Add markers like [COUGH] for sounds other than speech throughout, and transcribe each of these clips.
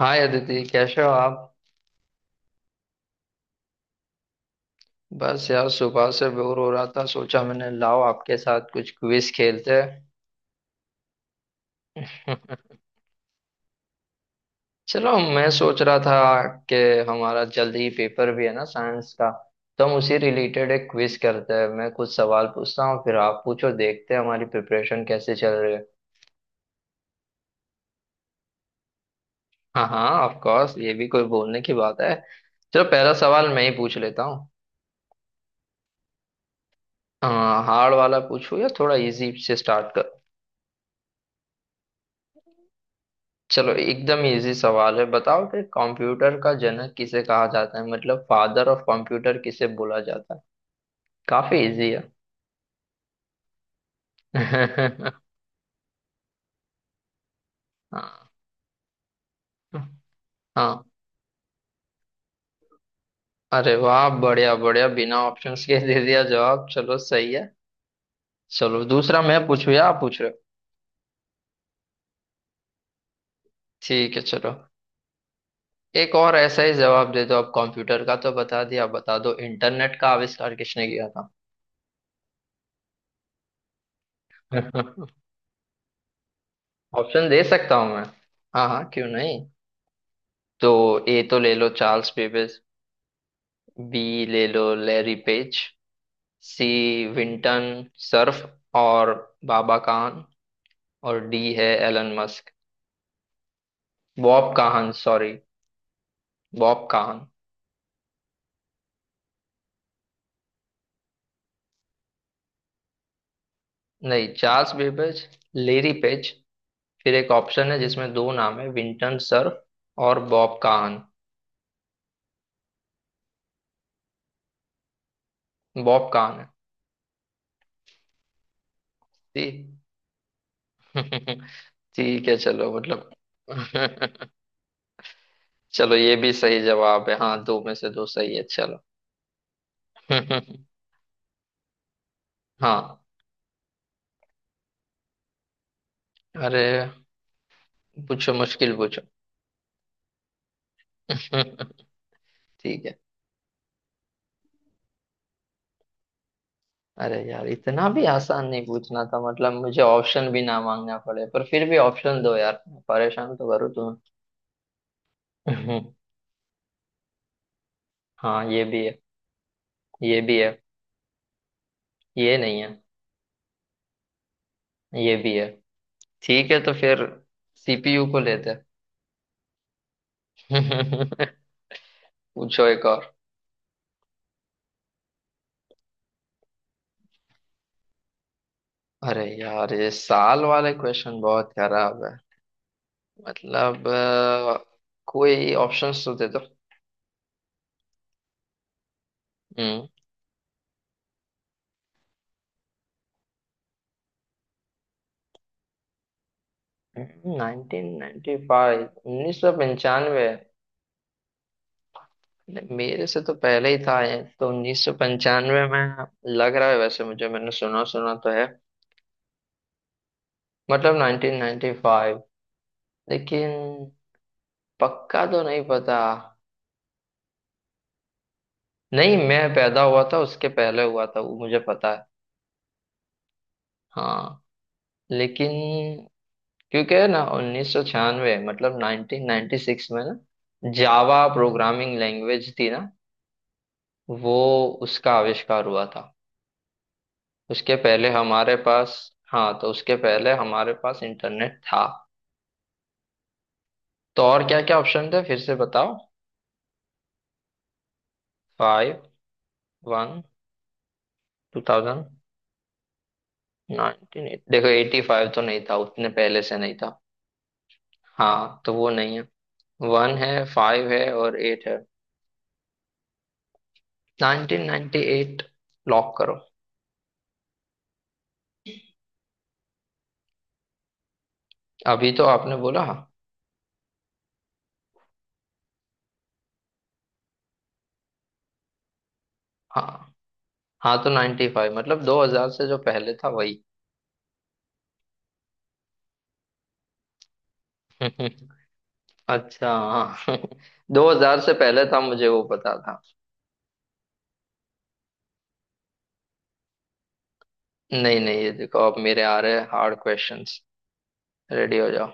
हाय अदिति, कैसे हो आप। बस यार, सुबह से बोर हो रहा था, सोचा मैंने लाओ आपके साथ कुछ क्विज खेलते हैं। [LAUGHS] चलो, मैं सोच रहा था कि हमारा जल्दी ही पेपर भी है ना, साइंस का, तो हम उसी रिलेटेड एक क्विज करते हैं। मैं कुछ सवाल पूछता हूँ, फिर आप पूछो, देखते हैं हमारी प्रिपरेशन कैसे चल रही है। हाँ हाँ, ऑफ कोर्स, ये भी कोई बोलने की बात है। चलो, पहला सवाल मैं ही पूछ लेता हूँ। हार्ड वाला पूछूं या थोड़ा इजी से स्टार्ट। चलो, एकदम इजी सवाल है, बताओ कि कंप्यूटर का जनक किसे कहा जाता है, मतलब फादर ऑफ कंप्यूटर किसे बोला जाता है। काफी इजी है। [LAUGHS] हाँ हाँ, अरे वाह, बढ़िया बढ़िया, बिना ऑप्शंस के दे दिया जवाब, चलो सही है। चलो, दूसरा मैं पूछू या आप पूछ रहे हो। ठीक है चलो। एक और ऐसा ही जवाब दे दो आप, कंप्यूटर का तो बता दिया, बता दो इंटरनेट का आविष्कार किसने किया था। [LAUGHS] ऑप्शन दे सकता हूँ मैं, हाँ हाँ क्यों नहीं। तो ए तो ले लो चार्ल्स बेबेज, बी ले लो Larry Page, C Vinton Cerf और बाबा काहन, और डी है Elon Musk. Bob Kahn sorry, Bob Kahn. नहीं, चार्ल्स बेबेज, लेरी पेज, फिर एक ऑप्शन है जिसमें दो नाम है, विंटन सर्फ और बॉब काहन। बॉब काहन है। ठीक। [LAUGHS] ठीक है चलो, मतलब। [LAUGHS] चलो, ये भी सही जवाब है, हाँ दो में से दो सही है, चलो। [LAUGHS] हाँ, अरे पूछो, मुश्किल पूछो। ठीक है। अरे यार, इतना भी आसान नहीं पूछना था, मतलब मुझे ऑप्शन भी ना मांगना पड़े, पर फिर भी ऑप्शन दो यार, परेशान तो करूँ तुम्हें। [LAUGHS] हाँ ये भी है। ये भी है। ये नहीं है। ये भी है। ठीक है तो फिर सीपीयू को लेते हैं। [LAUGHS] पूछो एक और। अरे यार, ये साल वाले क्वेश्चन बहुत खराब है। मतलब कोई ऑप्शंस तो दे दो। हम्म, 1995, 1995। नहीं, मेरे से तो पहले ही था ये, तो 1995 में लग रहा है वैसे मुझे, मैंने सुना सुना तो है, मतलब 1995। लेकिन पक्का तो नहीं पता। नहीं, मैं पैदा हुआ था उसके पहले हुआ था वो, मुझे पता है। हाँ लेकिन, क्योंकि है ना, 1996, मतलब 1996 में ना जावा प्रोग्रामिंग लैंग्वेज थी ना वो, उसका आविष्कार हुआ था उसके पहले, हमारे पास, हाँ तो उसके पहले हमारे पास इंटरनेट था। तो और क्या क्या ऑप्शन थे फिर से बताओ। Five, one, two thousand, nineteen. देखो, एटी फाइव तो नहीं था, उतने पहले से नहीं था। हाँ तो वो नहीं है। वन है, फाइव है और एट है। 1998, लॉक करो। अभी तो आपने बोला हाँ। हाँ हाँ, तो नाइन्टी फाइव मतलब दो हजार से जो पहले था वही। [LAUGHS] अच्छा हाँ। [LAUGHS] दो हजार से पहले था, मुझे वो पता था। नहीं नहीं, ये देखो, अब मेरे आ रहे हार्ड क्वेश्चंस, रेडी हो जाओ।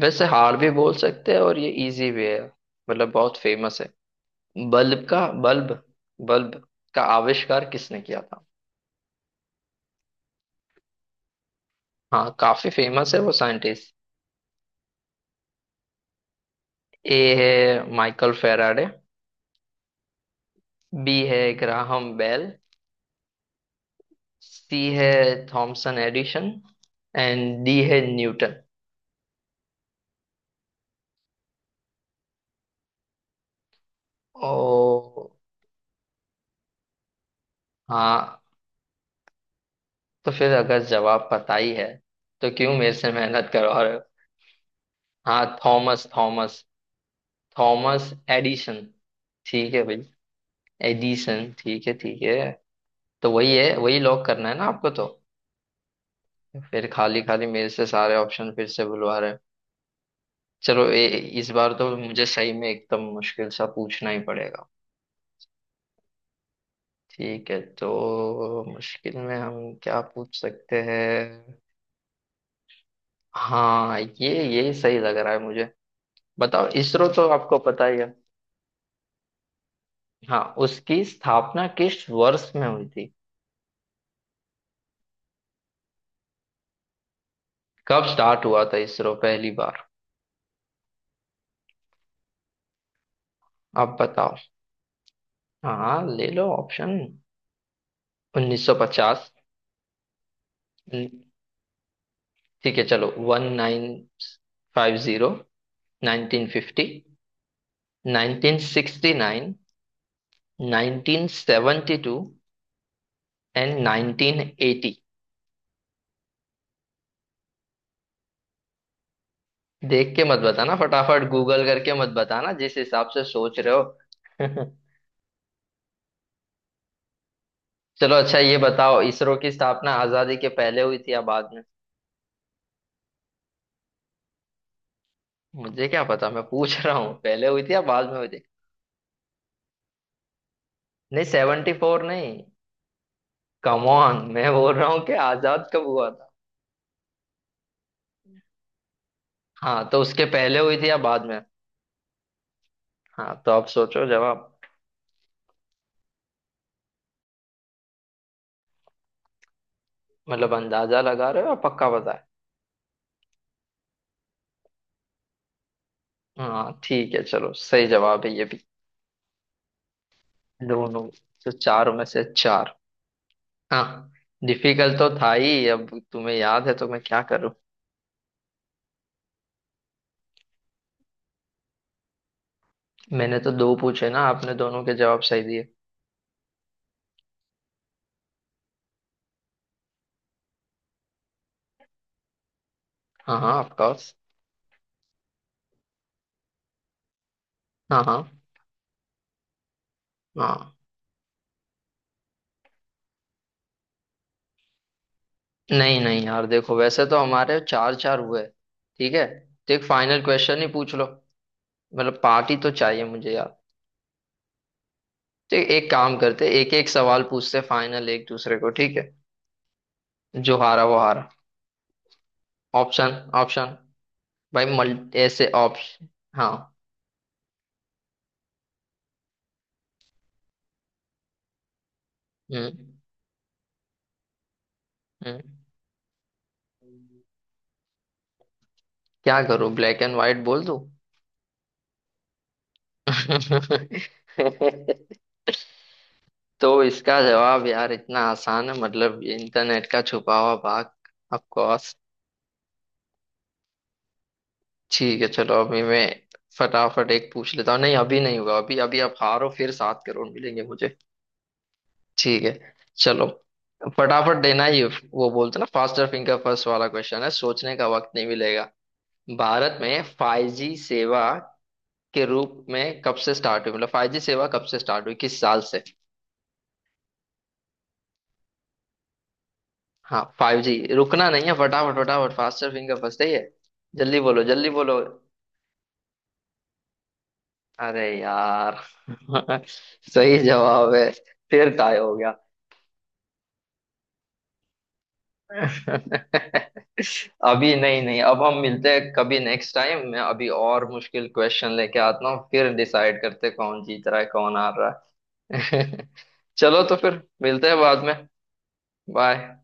वैसे हार भी बोल सकते हैं, और ये इजी भी है, मतलब बहुत फेमस है। बल्ब का, बल्ब, बल्ब का आविष्कार किसने किया था। हाँ, काफी फेमस है वो साइंटिस्ट। ए है माइकल फेराडे, बी है ग्राहम बेल, सी है थॉमसन एडिशन, एंड डी है न्यूटन। ओ, हाँ तो फिर अगर जवाब पता ही है, तो क्यों मेरे से मेहनत करो और। हाँ, थॉमस थॉमस थॉमस एडिशन, ठीक है भाई। एडिसन, ठीक है ठीक है। तो वही है, वही लॉक करना है ना आपको, तो फिर खाली खाली मेरे से सारे ऑप्शन फिर से बुलवा रहे हैं। चलो, इस बार तो मुझे सही में एकदम मुश्किल सा पूछना ही पड़ेगा। ठीक है, तो मुश्किल में हम क्या पूछ सकते हैं। हाँ, ये सही लग रहा है मुझे। बताओ, इसरो तो आपको पता ही है। हाँ, उसकी स्थापना किस वर्ष में हुई थी, कब स्टार्ट हुआ था इसरो पहली बार। आप बताओ। हाँ ले लो ऑप्शन, 1950, ठीक है चलो, 1950, 1950, 1969, 1972 एंड 1980। देख के मत बताना, फटाफट गूगल करके मत बताना जिस हिसाब से सोच रहे हो। [LAUGHS] चलो, अच्छा ये बताओ, इसरो की स्थापना आजादी के पहले हुई थी या बाद में। मुझे क्या पता, मैं पूछ रहा हूँ, पहले हुई थी या बाद में हुई थी। नहीं, सेवेंटी फोर नहीं, कम ऑन, मैं बोल रहा हूँ कि आजाद कब हुआ। हाँ तो उसके पहले हुई थी या बाद में। हाँ तो आप सोचो जवाब। मतलब अंदाजा लगा रहे हो या पक्का बताए। हाँ ठीक है, चलो, सही जवाब है ये भी, दोनों। तो चार में से चार। हाँ। डिफिकल्ट तो था ही, अब तुम्हें याद है तो मैं क्या करूँ। मैंने तो दो पूछे ना, आपने दोनों के जवाब सही दिए। हाँ हाँ ऑफकोर्स। हाँ हाँ। हाँ, नहीं नहीं यार, देखो वैसे तो हमारे चार चार हुए, ठीक है, तो एक फाइनल क्वेश्चन ही पूछ लो, मतलब पार्टी तो चाहिए मुझे यार। तो एक काम करते, एक एक सवाल पूछते फाइनल, एक दूसरे को, ठीक है, जो हारा वो हारा। ऑप्शन, ऑप्शन, भाई मल्टी ऐसे ऑप्शन। हाँ। हम्म हम्म। क्या करूं, ब्लैक एंड व्हाइट बोल दूं। [LAUGHS] तो इसका जवाब यार इतना आसान है, मतलब ये इंटरनेट का छुपा हुआ भाग, ऑफ कोर्स। ठीक है चलो, अभी मैं फटाफट एक पूछ लेता हूँ। नहीं अभी नहीं हुआ, अभी अभी आप हारो फिर 7 करोड़ मिलेंगे मुझे। ठीक है चलो, फटाफट देना, ये वो बोलते ना फास्टर फिंगर फर्स्ट वाला क्वेश्चन है, सोचने का वक्त नहीं मिलेगा। भारत में 5G सेवा के रूप में कब से स्टार्ट हुई, मतलब 5G सेवा कब से स्टार्ट हुई, किस साल से। हाँ, 5G, रुकना नहीं है, फटाफट फटाफट, फास्टर फिंगर फर्स्ट है ये, जल्दी बोलो जल्दी बोलो। अरे यार। [LAUGHS] सही जवाब है, फिर टाई हो। [LAUGHS] अभी नहीं नहीं, अब हम मिलते हैं कभी नेक्स्ट टाइम, मैं अभी और मुश्किल क्वेश्चन लेके आता हूँ, फिर डिसाइड करते हैं कौन जीत रहा है कौन हार रहा है। [LAUGHS] चलो तो फिर मिलते हैं बाद में, बाय।